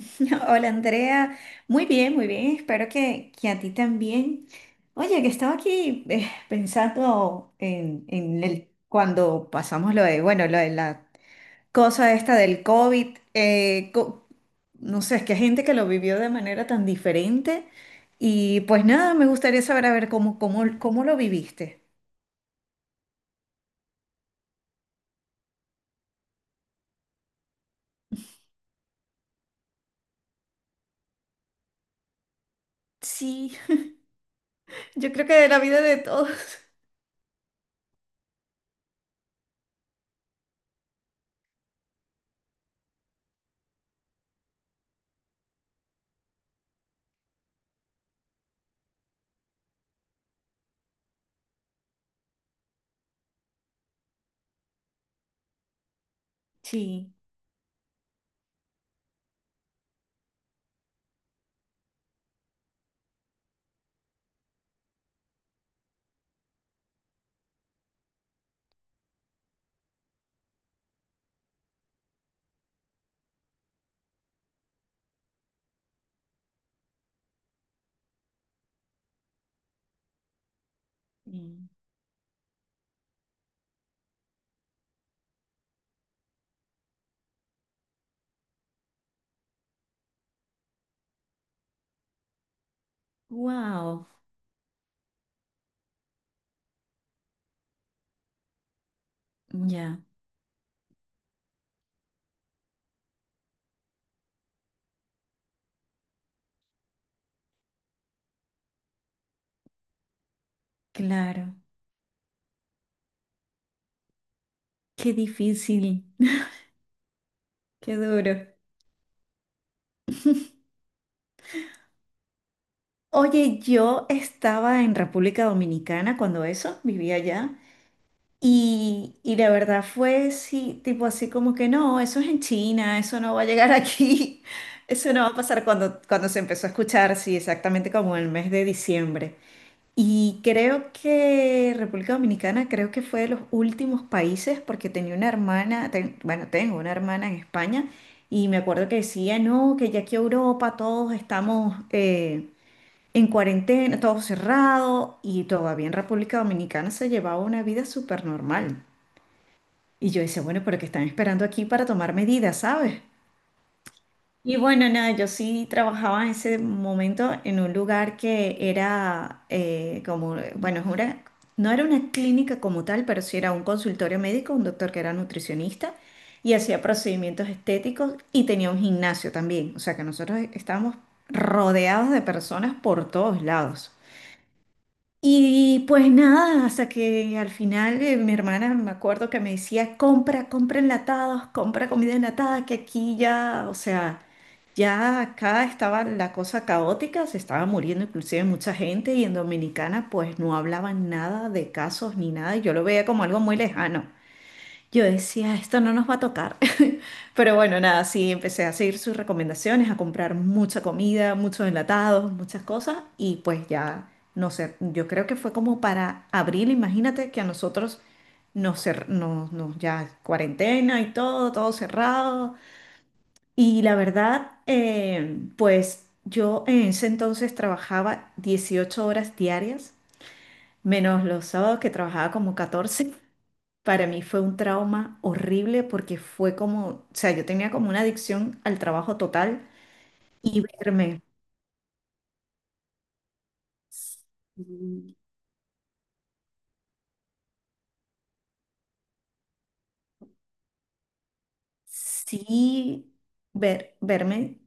Hola Andrea, muy bien, espero que a ti también. Oye, que estaba aquí pensando en cuando pasamos lo de, bueno, lo de la cosa esta del COVID, no sé, es que hay gente que lo vivió de manera tan diferente y pues nada, me gustaría saber a ver cómo lo viviste. Sí, yo creo que de la vida de todos. Sí. Wow. Ya, claro. Qué difícil. Qué duro. Oye, yo estaba en República Dominicana cuando eso, vivía allá. Y la verdad fue sí, tipo así como que no, eso es en China, eso no va a llegar aquí, eso no va a pasar cuando se empezó a escuchar, sí, exactamente como el mes de diciembre. Y creo que República Dominicana creo que fue de los últimos países porque tenía una hermana, bueno, tengo una hermana en España y me acuerdo que decía, no, que ya aquí Europa todos estamos... en cuarentena, todo cerrado y todavía en República Dominicana se llevaba una vida súper normal. Y yo decía, bueno, pero ¿qué están esperando aquí para tomar medidas, ¿sabes? Y bueno, nada, yo sí trabajaba en ese momento en un lugar que era como, bueno, no era una clínica como tal, pero sí era un consultorio médico, un doctor que era nutricionista y hacía procedimientos estéticos y tenía un gimnasio también. O sea que nosotros estábamos rodeados de personas por todos lados. Y pues nada, hasta que al final mi hermana me acuerdo que me decía, compra, compra enlatados, compra comida enlatada, que aquí ya, o sea, ya acá estaba la cosa caótica, se estaba muriendo inclusive mucha gente y en Dominicana pues no hablaban nada de casos ni nada, y yo lo veía como algo muy lejano. Yo decía, esto no nos va a tocar. Pero bueno, nada, sí, empecé a seguir sus recomendaciones, a comprar mucha comida, muchos enlatados, muchas cosas, y pues ya, no sé, yo creo que fue como para abril, imagínate que a nosotros nos, cer- nos, nos- ya cuarentena y todo, todo cerrado. Y la verdad, pues yo en ese entonces trabajaba 18 horas diarias, menos los sábados que trabajaba como 14. Para mí fue un trauma horrible porque fue como, o sea, yo tenía como una adicción al trabajo total y verme, sí, sí, verme,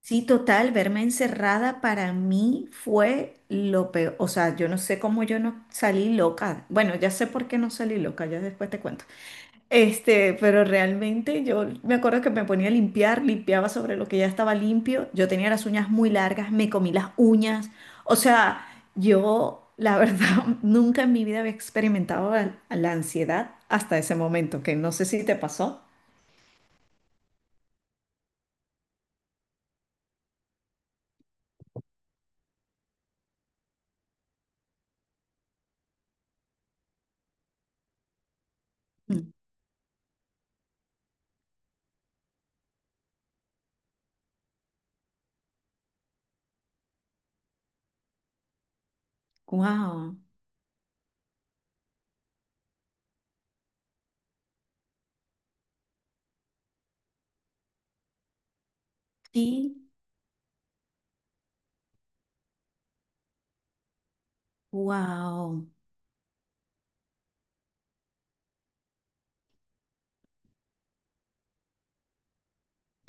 sí, total, verme encerrada para mí fue lo peor. O sea, yo no sé cómo yo no salí loca. Bueno, ya sé por qué no salí loca, ya después te cuento. Este, pero realmente yo me acuerdo que me ponía a limpiar, limpiaba sobre lo que ya estaba limpio. Yo tenía las uñas muy largas, me comí las uñas. O sea, yo, la verdad, nunca en mi vida había experimentado la ansiedad hasta ese momento, que no sé si te pasó. Wow. Sí, wow.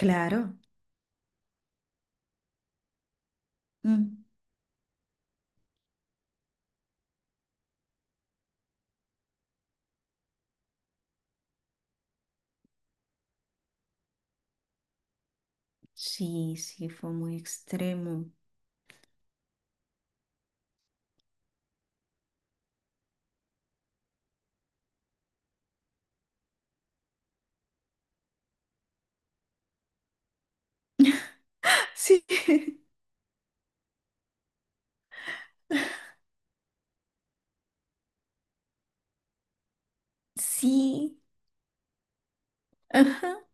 Claro. Mm. Sí, sí, fue muy extremo. Sí. Sí, ajá.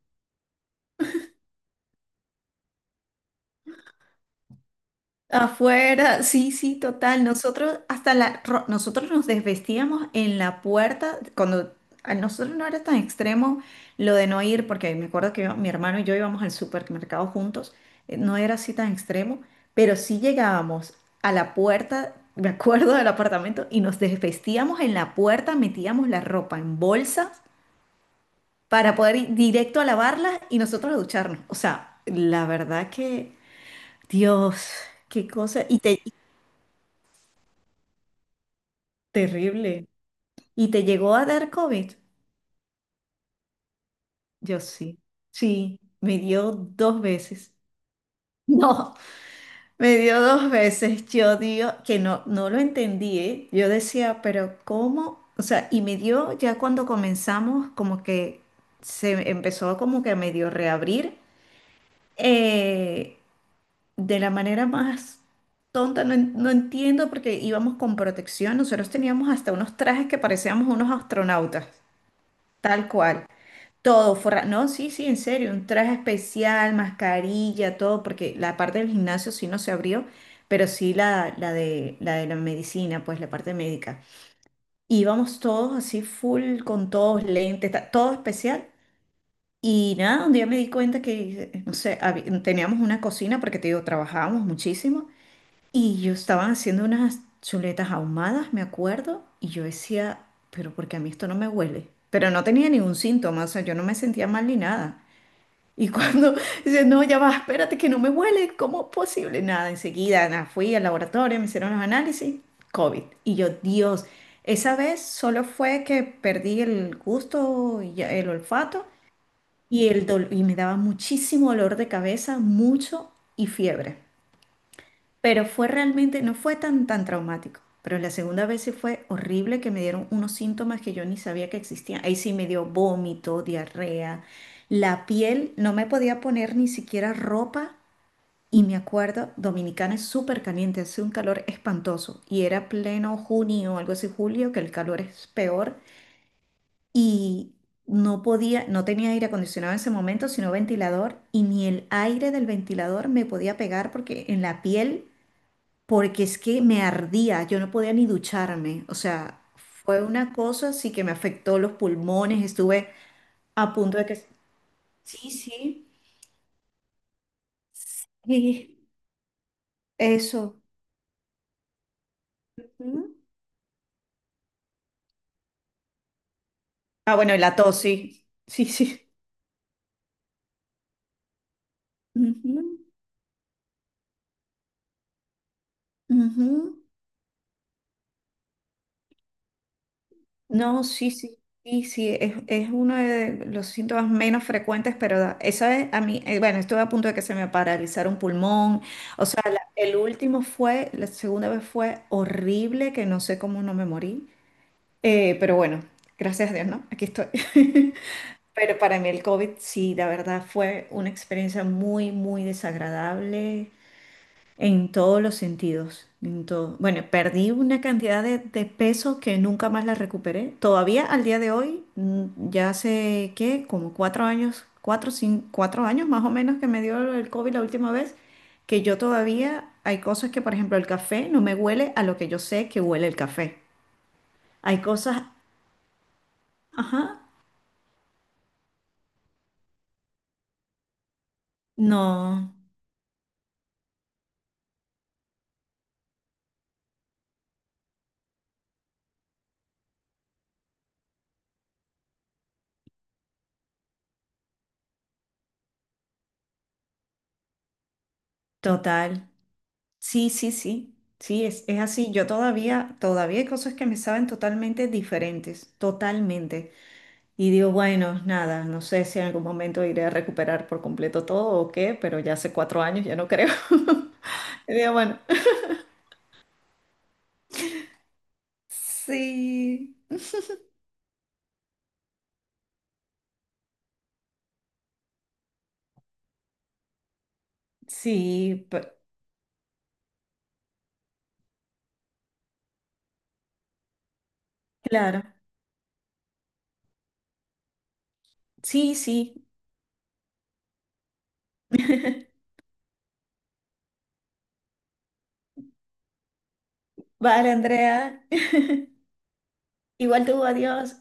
Afuera, sí, sí, total. Nosotros hasta nosotros nos desvestíamos en la puerta cuando a nosotros no era tan extremo lo de no ir, porque me acuerdo que mi hermano y yo íbamos al supermercado juntos, no era así tan extremo, pero sí llegábamos a la puerta, me acuerdo del apartamento, y nos desvestíamos en la puerta, metíamos la ropa en bolsas para poder ir directo a lavarlas y nosotros a ducharnos. O sea, la verdad que, Dios, qué cosa. Y te, terrible. ¿Y te llegó a dar COVID? Yo sí. Sí, me dio dos veces. No, me dio dos veces. Yo digo que no, no lo entendí, ¿eh? Yo decía, pero ¿cómo? O sea, y me dio ya cuando comenzamos, como que se empezó como que a medio reabrir, eh, de la manera más tonta, no, no entiendo, porque íbamos con protección, nosotros teníamos hasta unos trajes que parecíamos unos astronautas, tal cual. Todo, no, sí, sí, en serio, un traje especial, mascarilla, todo, porque la parte del gimnasio sí no se abrió, pero sí la de la medicina, pues la parte médica. Íbamos todos así full, con todos lentes, todo especial. Y nada, un día me di cuenta que, no sé, teníamos una cocina, porque te digo, trabajábamos muchísimo, y yo estaban haciendo unas chuletas ahumadas, me acuerdo, y yo decía, pero porque a mí esto no me huele. Pero no tenía ningún síntoma, o sea, yo no me sentía mal ni nada. Y cuando dice, no, ya va, espérate que no me huele, ¿cómo es posible? Nada, enseguida nada, fui al laboratorio, me hicieron los análisis, COVID. Y yo, Dios, esa vez solo fue que perdí el gusto, el olfato y, y me daba muchísimo dolor de cabeza, mucho y fiebre. Pero fue realmente, no fue tan, tan traumático. Pero la segunda vez sí fue horrible que me dieron unos síntomas que yo ni sabía que existían. Ahí sí me dio vómito, diarrea, la piel, no me podía poner ni siquiera ropa. Y me acuerdo, Dominicana es súper caliente, hace un calor espantoso. Y era pleno junio, algo así, julio, que el calor es peor. Y no podía, no tenía aire acondicionado en ese momento, sino ventilador. Y ni el aire del ventilador me podía pegar porque en la piel porque es que me ardía, yo no podía ni ducharme, o sea, fue una cosa así que me afectó los pulmones, estuve a punto de que... Sí, sí, sí, eso. Ujú. Ah, bueno, y la tos, sí, sí, sí. Ujú, ujú. No, sí, sí, sí, sí, es uno de los síntomas menos frecuentes, pero esa es a mí, bueno, estuve a punto de que se me paralizara un pulmón, o sea, el último fue, la segunda vez fue horrible, que no sé cómo no me morí. Pero bueno, gracias a Dios, ¿no? Aquí estoy. Pero para mí el COVID sí, la verdad fue una experiencia muy, muy desagradable en todos los sentidos. En todo. Bueno, perdí una cantidad de peso que nunca más la recuperé. Todavía al día de hoy, ya hace, ¿qué? Como 4 años, cuatro, cinco 4 años más o menos que me dio el COVID la última vez, que yo todavía hay cosas que, por ejemplo, el café no me huele a lo que yo sé que huele el café. Hay cosas... Ajá, no, total. Sí, sí, sí. Sí, es así. Yo todavía, todavía hay cosas que me saben totalmente diferentes, totalmente. Y digo, bueno, nada, no sé si en algún momento iré a recuperar por completo todo o qué, pero ya hace 4 años ya no creo. Y digo, bueno, sí, sí, pe- claro. Sí, sí. Vale, Andrea. Igual tú, adiós.